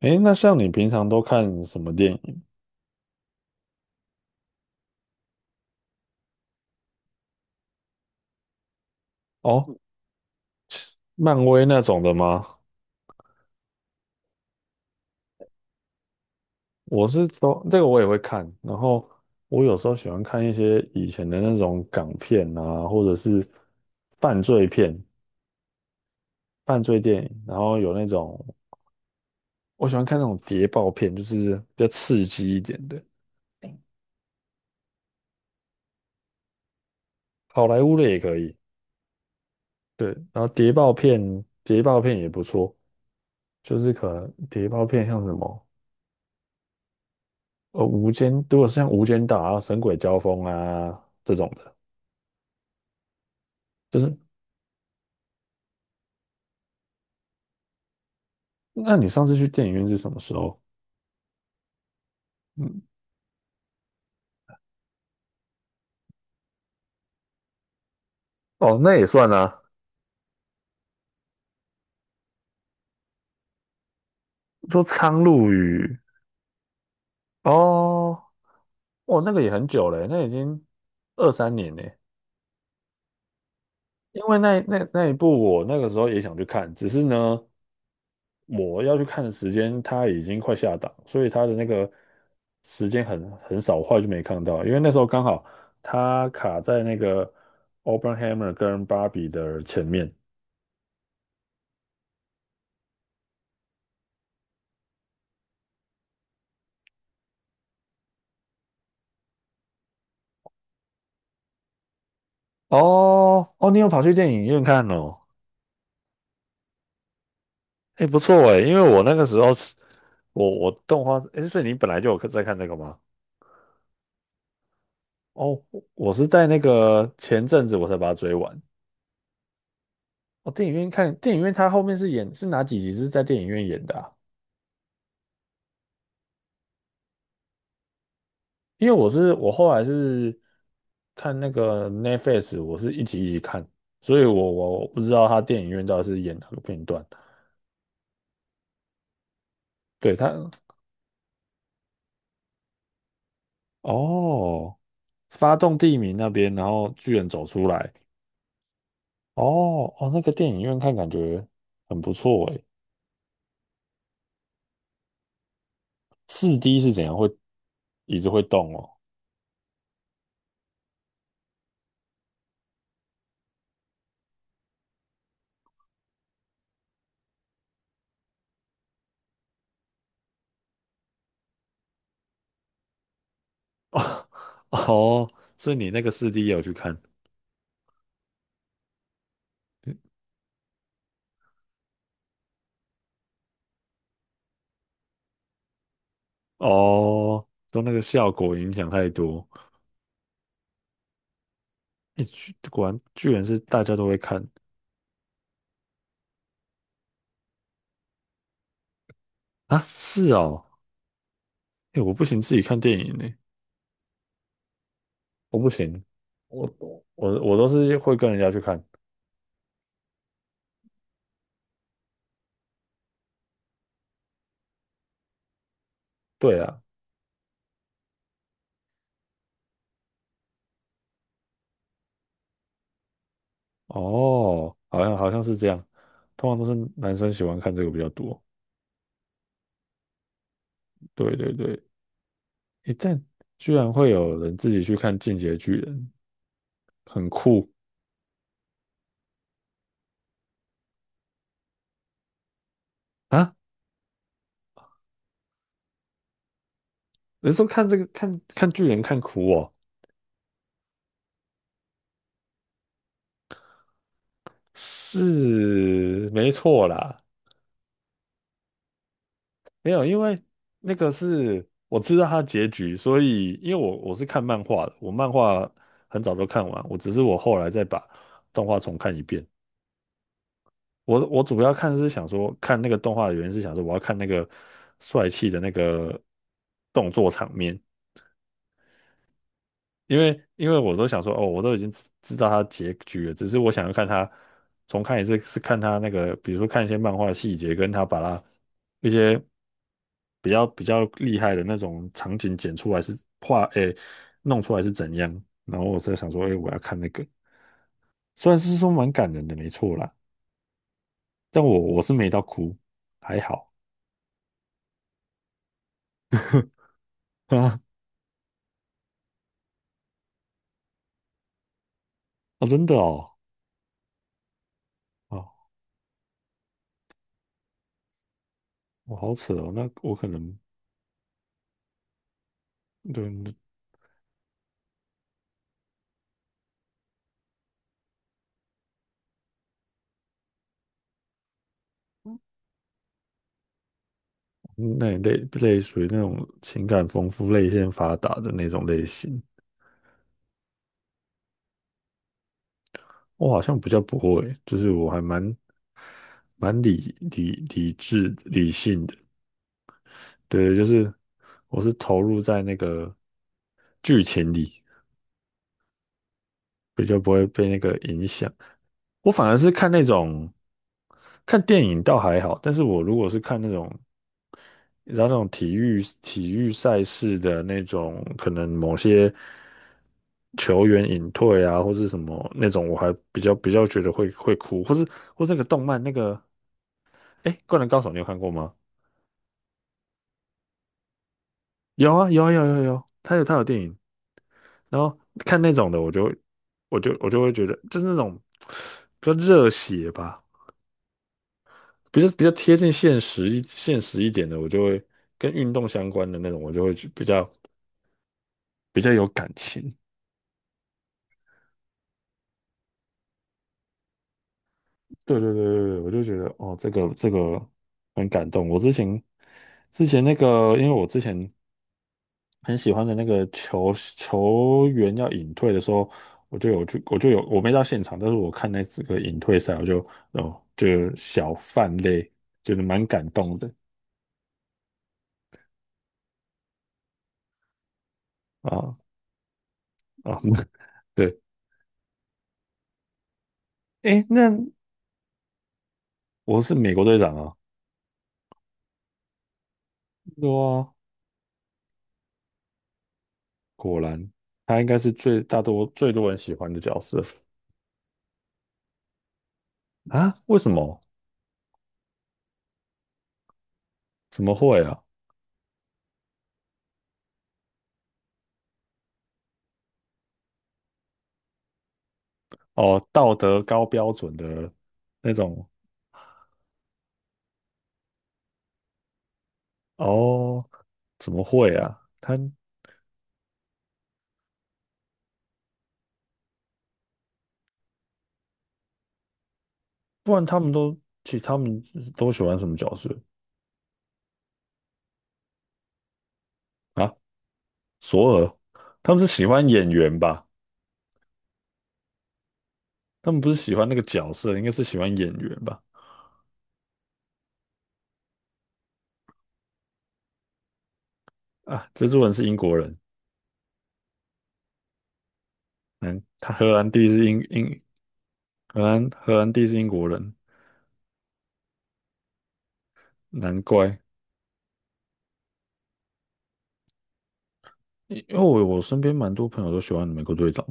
诶，那像你平常都看什么电影？哦，漫威那种的吗？我是说，这个我也会看，然后我有时候喜欢看一些以前的那种港片啊，或者是犯罪片、犯罪电影，然后有那种我喜欢看那种谍报片，就是比较刺激一点的，好莱坞的也可以，对，然后谍报片，谍报片也不错，就是可能谍报片像什么？呃，无间，如果是像《无间道》啊、《神鬼交锋》啊这种的，就是那你上次去电影院是什么时候？嗯，哦，那也算啊。说《苍鹭与》哦，哦，那个也很久了，那已经23年了。因为那一部我那个时候也想去看，只是呢，我要去看的时间它已经快下档，所以它的那个时间很少，我后来就没看到。因为那时候刚好它卡在那个 Openhammer 跟芭比的前面。哦哦，你有跑去电影院看哦？哎，不错哎，因为我那个时候是，我动画，哎，是你本来就有在看这个吗？哦，我是在那个前阵子我才把它追完。哦，电影院看，电影院它后面是演是哪几集是在电影院演的啊？因为我后来是看那个 Netflix，我是一集一集看，所以我不知道它电影院到底是演哪个片段。对它，哦，发动地名那边，然后巨人走出来。哦哦，那个电影院看感觉很不错诶。四 D 是怎样？椅子会动哦？哦，所以你那个四 D 也有去看？哦，都那个效果影响太多。诶，果然居然是大家都会看。啊！是哦，诶，我不行自己看电影呢，我不行，我我都是会跟人家去看。对啊，哦，好像是这样，通常都是男生喜欢看这个比较多。对对对，诶，但居然会有人自己去看《进击的巨人》，很酷。啊！人说看这个看看巨人看哭哦，是没错啦。没有，因为那个是我知道它的结局，所以因为我是看漫画的，我漫画很早都看完，我只是我后来再把动画重看一遍。我主要看是想说看那个动画的原因是想说我要看那个帅气的那个动作场面。因为我都想说，哦，我都已经知道它结局了，只是我想要看它重看一次，是看它那个，比如说看一些漫画的细节，跟它把它一些比较厉害的那种场景剪出来是画，诶，弄出来是怎样。然后我在想说，诶，我要看那个，虽然是说蛮感人的，没错啦，但我是没到哭，还好。 啊，真的哦，哦，我好扯哦，那我可能对，那那类属于那种情感丰富、泪腺发达的那种类型。我好像比较不会，就是我还蛮理智理性的，对，就是我是投入在那个剧情里，比较不会被那个影响。我反而是看那种看电影倒还好，但是我如果是看那种然后那种体育赛事的那种，可能某些球员隐退啊，或是什么那种，我还比较觉得会哭，或是那个动漫那个，哎，《灌篮高手》你有看过吗？有啊有啊有啊有啊有，他有电影，然后看那种的，我就会觉得就是那种比较热血吧，比较贴近现实一点的，我就会跟运动相关的那种，我就会去比较有感情。对对对对对，我就觉得哦，这个很感动。我之前那个，因为我之前很喜欢的那个球员要隐退的时候，我就有去，我就有我没到现场，但是我看这个隐退赛，我就哦就小泛泪，觉得蛮感动的。啊啊，对，诶，那我是美国队长啊，对啊，果然他应该是最多人喜欢的角色。啊？为什么？怎么会啊？哦，道德高标准的那种哦，怎么会啊？不然他们都其实他们都喜欢什么角色？啊？索尔，他们是喜欢演员吧？他们不是喜欢那个角色，应该是喜欢演员吧？啊，蜘蛛人是英国人，嗯，他荷兰弟是荷兰弟是英国人。难怪，因为我身边蛮多朋友都喜欢美国队长。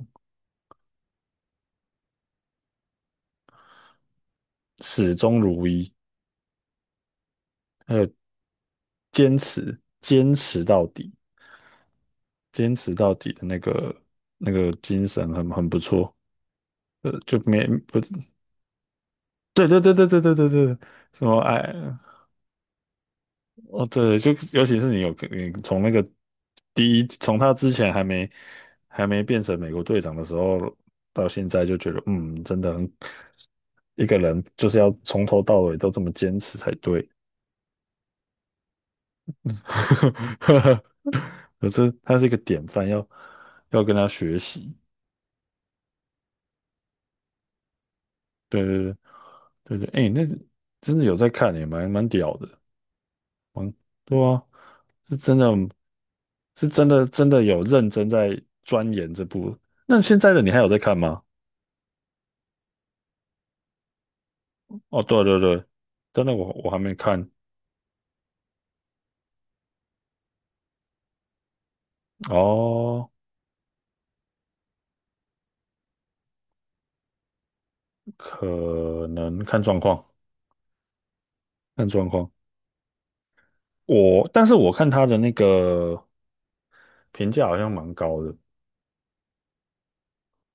始终如一，还有坚持到底。坚持到底的那个精神很不错，呃，就没不，对对对对对对对对，什么爱哦，对，就尤其是你有你从那个第一，从他之前还没变成美国队长的时候，到现在就觉得嗯，真的很一个人就是要从头到尾都这么坚持才对，呵呵呵可是他是一个典范，要跟他学习。对对对对对，哎，那真的有在看也蛮屌的，蛮对啊，是真的，是真的真的有认真在钻研这部。那现在的你还有在看吗？哦，对对对，真的我还没看。哦，可能看状况，看状况。但是我看他的那个评价好像蛮高的，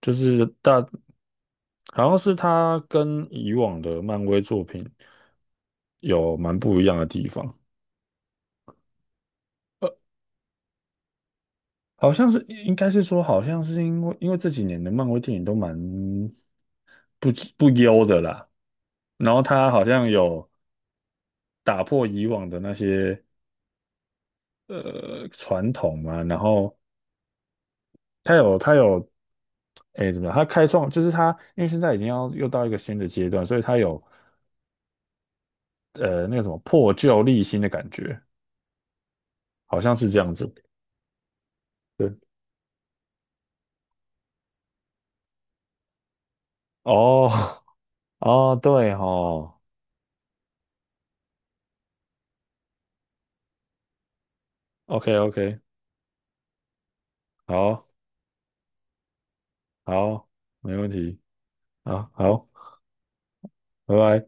就是好像是他跟以往的漫威作品有蛮不一样的地方。好像是应该是说，好像是因为这几年的漫威电影都蛮不不优的啦，然后他好像有打破以往的那些传统嘛，然后他有诶怎么样，他开创就是他因为现在已经要又到一个新的阶段，所以他有那个什么破旧立新的感觉，好像是这样子。对，哦， 哦对哦 OK OK，好好，没问题，好好，拜拜。